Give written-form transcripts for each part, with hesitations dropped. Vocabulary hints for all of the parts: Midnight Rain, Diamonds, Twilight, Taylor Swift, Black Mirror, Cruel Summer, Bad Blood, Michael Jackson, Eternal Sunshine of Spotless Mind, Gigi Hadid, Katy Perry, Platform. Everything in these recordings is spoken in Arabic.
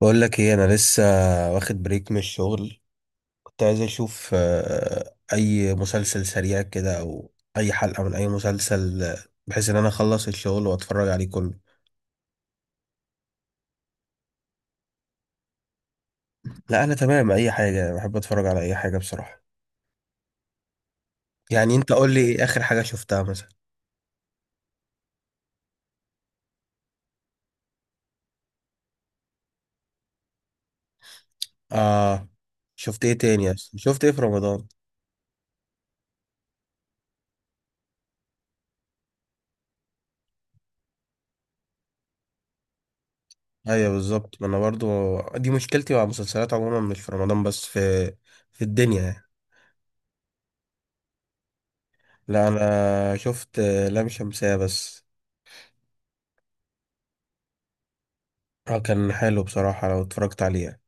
بقول لك ايه. انا لسه واخد بريك من الشغل. كنت عايز اشوف اي مسلسل سريع كده او اي حلقة من اي مسلسل، بحيث ان انا اخلص الشغل واتفرج عليه كله. لا، انا تمام، اي حاجة بحب اتفرج على اي حاجة بصراحة. يعني انت قول لي ايه اخر حاجة شفتها مثلا. اه. شفت ايه تاني؟ اصلا شفت ايه في رمضان؟ ايوه بالظبط، ما انا برضو دي مشكلتي مع المسلسلات عموما، مش في رمضان بس، في في الدنيا يعني. لا انا شفت لام شمسية بس. اه، كان حلو بصراحة لو اتفرجت عليه يعني.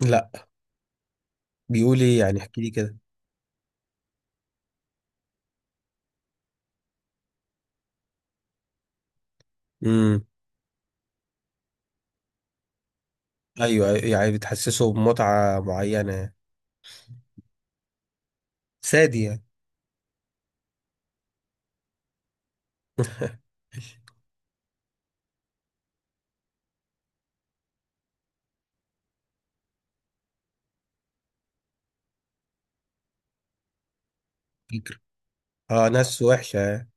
لا. بيقول ايه يعني؟ احكي لي كده. امم. ايوه أيوة، يعني بتحسسه بمتعة معينة يعني. سادي يعني؟ فكرة. اه، ناس وحشة يعني.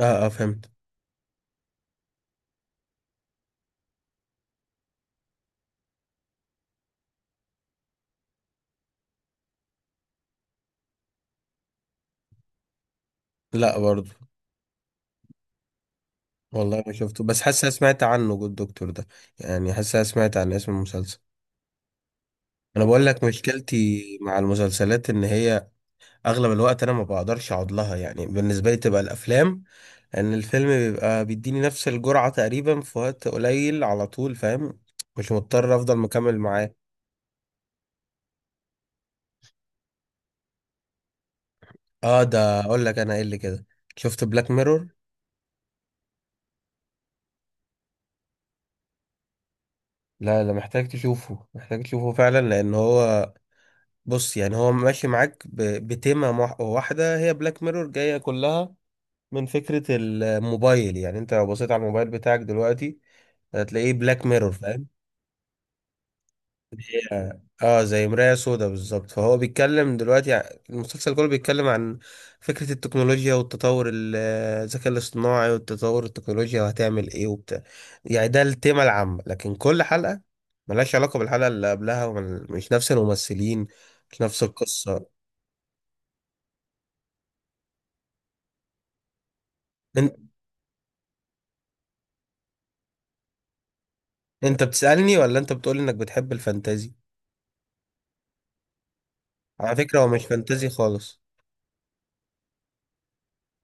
اه اه، فهمت. لا برضو. والله ما شفته بس حاسس أنا سمعت عنه، جود دكتور ده. يعني حاسس أنا سمعت عن اسم المسلسل. انا بقول لك مشكلتي مع المسلسلات ان هي اغلب الوقت انا ما بقدرش اقعد لها، يعني بالنسبة لي تبقى الافلام. ان الفيلم بيبقى بيديني نفس الجرعة تقريبا في وقت قليل على طول، فاهم؟ مش مضطر افضل مكمل معاه. اه، ده اقول لك انا ايه اللي كده. شفت بلاك ميرور؟ لا لا، محتاج تشوفه، محتاج تشوفه فعلا، لان هو، بص يعني، هو ماشي معاك واحدة، هي بلاك ميرور جاية كلها من فكرة الموبايل. يعني انت لو بصيت على الموبايل بتاعك دلوقتي هتلاقيه بلاك ميرور، فاهم؟ اه. زي مراية سودا بالظبط. فهو بيتكلم دلوقتي، المسلسل كله بيتكلم عن فكرة التكنولوجيا والتطور الذكاء الاصطناعي والتطور التكنولوجيا وهتعمل ايه وبتاع. يعني ده التيمة العامة، لكن كل حلقة ملهاش علاقة بالحلقة اللي قبلها، ومش نفس الممثلين، مش نفس القصة. انت، انت بتسألني ولا انت بتقول انك بتحب الفانتازي؟ على فكرة هو مش فانتازي خالص.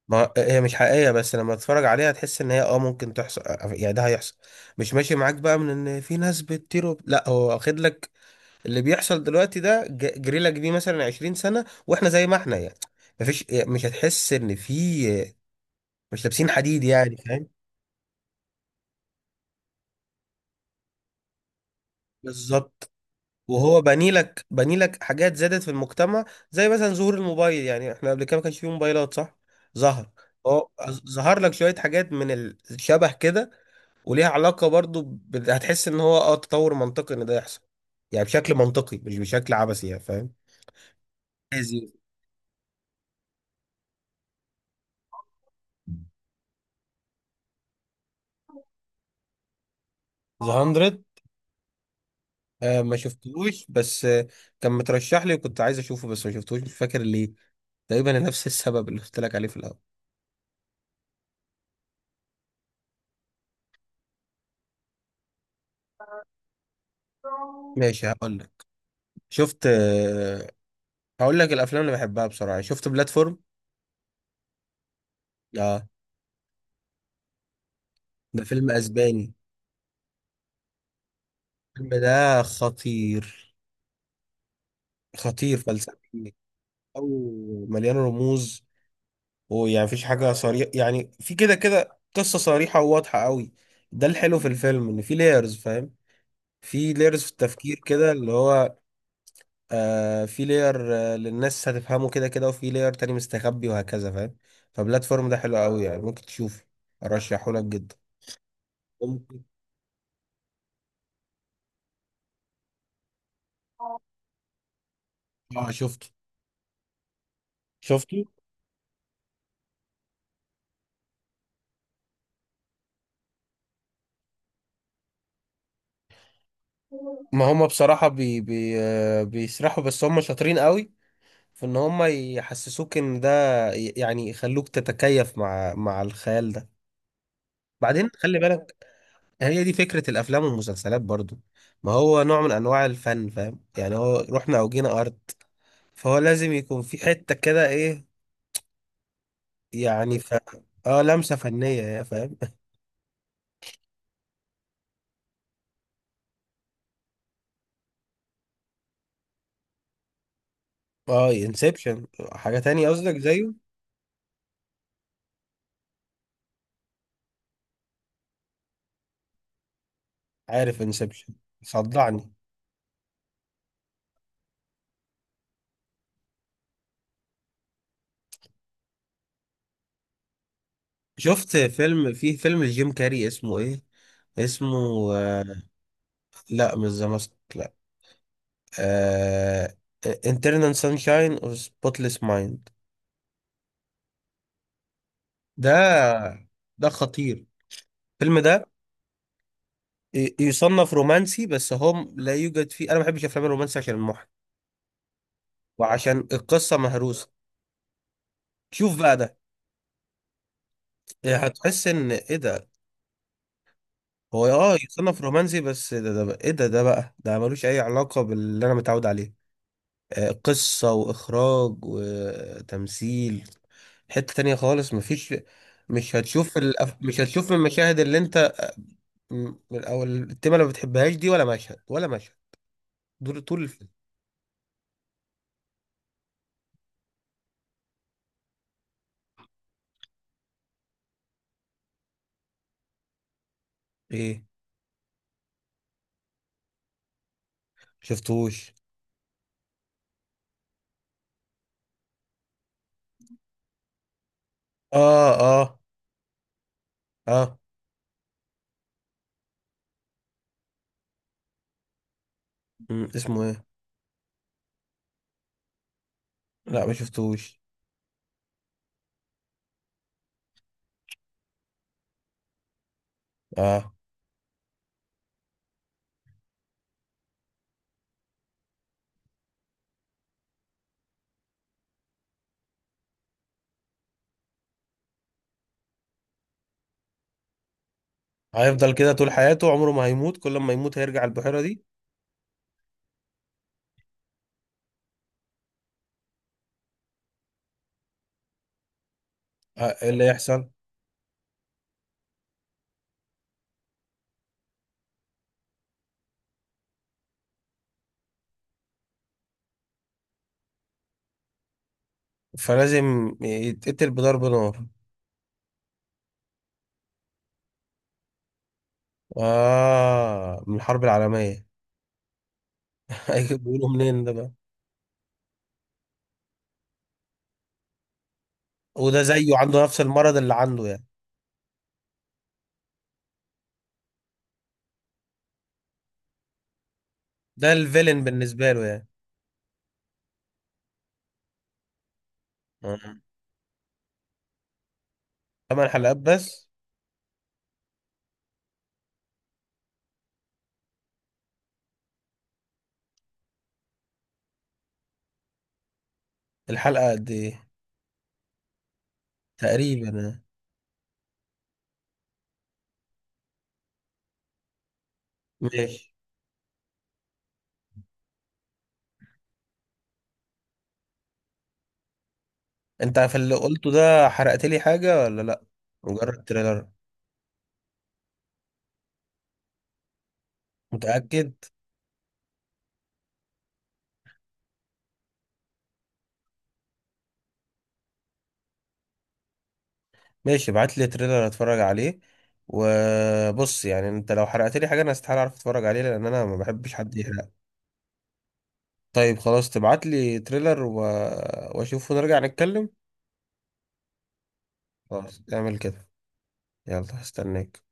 ما هي مش حقيقية، بس لما تتفرج عليها تحس ان هي اه ممكن تحصل، يعني ده هيحصل. مش ماشي معاك بقى من ان في ناس بتطير لا، هو واخد لك اللي بيحصل دلوقتي ده، جري لك بيه مثلا 20 سنة، واحنا زي ما احنا يعني، مفيش، مش هتحس ان في، مش لابسين حديد يعني، فاهم؟ بالظبط. وهو بني لك بني لك حاجات زادت في المجتمع، زي مثلا ظهور الموبايل. يعني احنا قبل كده ما كانش فيه موبايلات، صح؟ ظهر، هو ظهر لك شوية حاجات من الشبه كده، وليها علاقة برضو ب... هتحس ان هو اه تطور منطقي ان ده يحصل، يعني بشكل منطقي مش بشكل عبثي، يعني فاهم؟ لذيذ. ذا 100. آه، ما شفتهوش بس آه، كان مترشح لي وكنت عايز اشوفه بس ما شفتهوش، مش فاكر ليه، تقريبا نفس السبب اللي قلت لك عليه في الاول. ماشي هقول لك. شفت آه، هقول لك الافلام اللي بحبها بسرعة. شفت بلاتفورم؟ اه، ده فيلم اسباني. الفيلم ده خطير، خطير فلسفي، او مليان رموز، ويعني مفيش حاجة صريحة، يعني في كده كده قصة صريحة وواضحة قوي. ده الحلو في الفيلم، ان في لايرز، فاهم؟ في لايرز في التفكير كده، اللي هو، في لاير، للناس هتفهمه كده كده، وفي لاير تاني مستخبي، وهكذا، فاهم؟ فبلاتفورم ده حلو قوي، يعني ممكن تشوفه، ارشحه لك جدا. ممكن. اه شفته، شفته. ما هم بصراحة بي بيسرحوا، بس هم شاطرين قوي في ان هم يحسسوك ان ده، يعني يخلوك تتكيف مع مع الخيال ده. بعدين خلي بالك، هي دي فكرة الأفلام والمسلسلات برضو. ما هو نوع من أنواع الفن، فاهم؟ يعني هو رحنا أو جينا أرض، فهو لازم يكون في حتة كده إيه، يعني ف... اه، لمسة فنية، يا فاهم. اه، انسبشن. حاجة تانية قصدك زيه؟ عارف انسبشن. صدعني. شفت فيلم، في فيلم لجيم كاري اسمه إيه، اسمه آه، لا مش ذا ماسك، لا، آه... Internal Sunshine of Spotless Mind. ده، ده خطير الفيلم ده. يصنف رومانسي، بس هو لا يوجد فيه، انا ما بحبش افلام الرومانسي عشان المحن وعشان القصه مهروسه. شوف بقى ده إيه، هتحس ان ايه ده. هو اه يصنف رومانسي، بس ايه ده بقى ده ملوش اي علاقه باللي انا متعود عليه. قصه واخراج وتمثيل، حته تانية خالص. مفيش، مش هتشوف مش هتشوف المشاهد اللي انت، او التيمه اللي ما بتحبهاش دي، ولا مشهد، ولا مشهد، دول طول الفيلم. ايه؟ شفتوش. اه اه اه. مم. اسمه ايه؟ لا ما شفتوش. اه. هيفضل كده طول حياته؟ عمره ما هيموت، كل ما يموت هيرجع البحيرة دي؟ آه. إيه اللي يحصل؟ فلازم يتقتل بضرب نار. اه، من الحرب العالمية. هيجي بيقولوا منين ده بقى؟ وده زيه عنده نفس المرض اللي عنده يعني؟ ده الفيلن بالنسبة له يعني. آه. ثمان حلقات بس؟ الحلقة قد ايه؟ تقريبا آه. ماشي. انت في اللي قلته ده حرقت لي حاجة ولا لا؟ مجرد تريلر؟ متأكد؟ ماشي، ابعت لي تريلر اتفرج عليه. وبص يعني، انت لو حرقت لي حاجه انا استحاله اعرف اتفرج عليه، لان انا ما بحبش حد يحرق. طيب خلاص، تبعت لي تريلر و... واشوفه نرجع نتكلم. خلاص اعمل كده. يلا هستناك.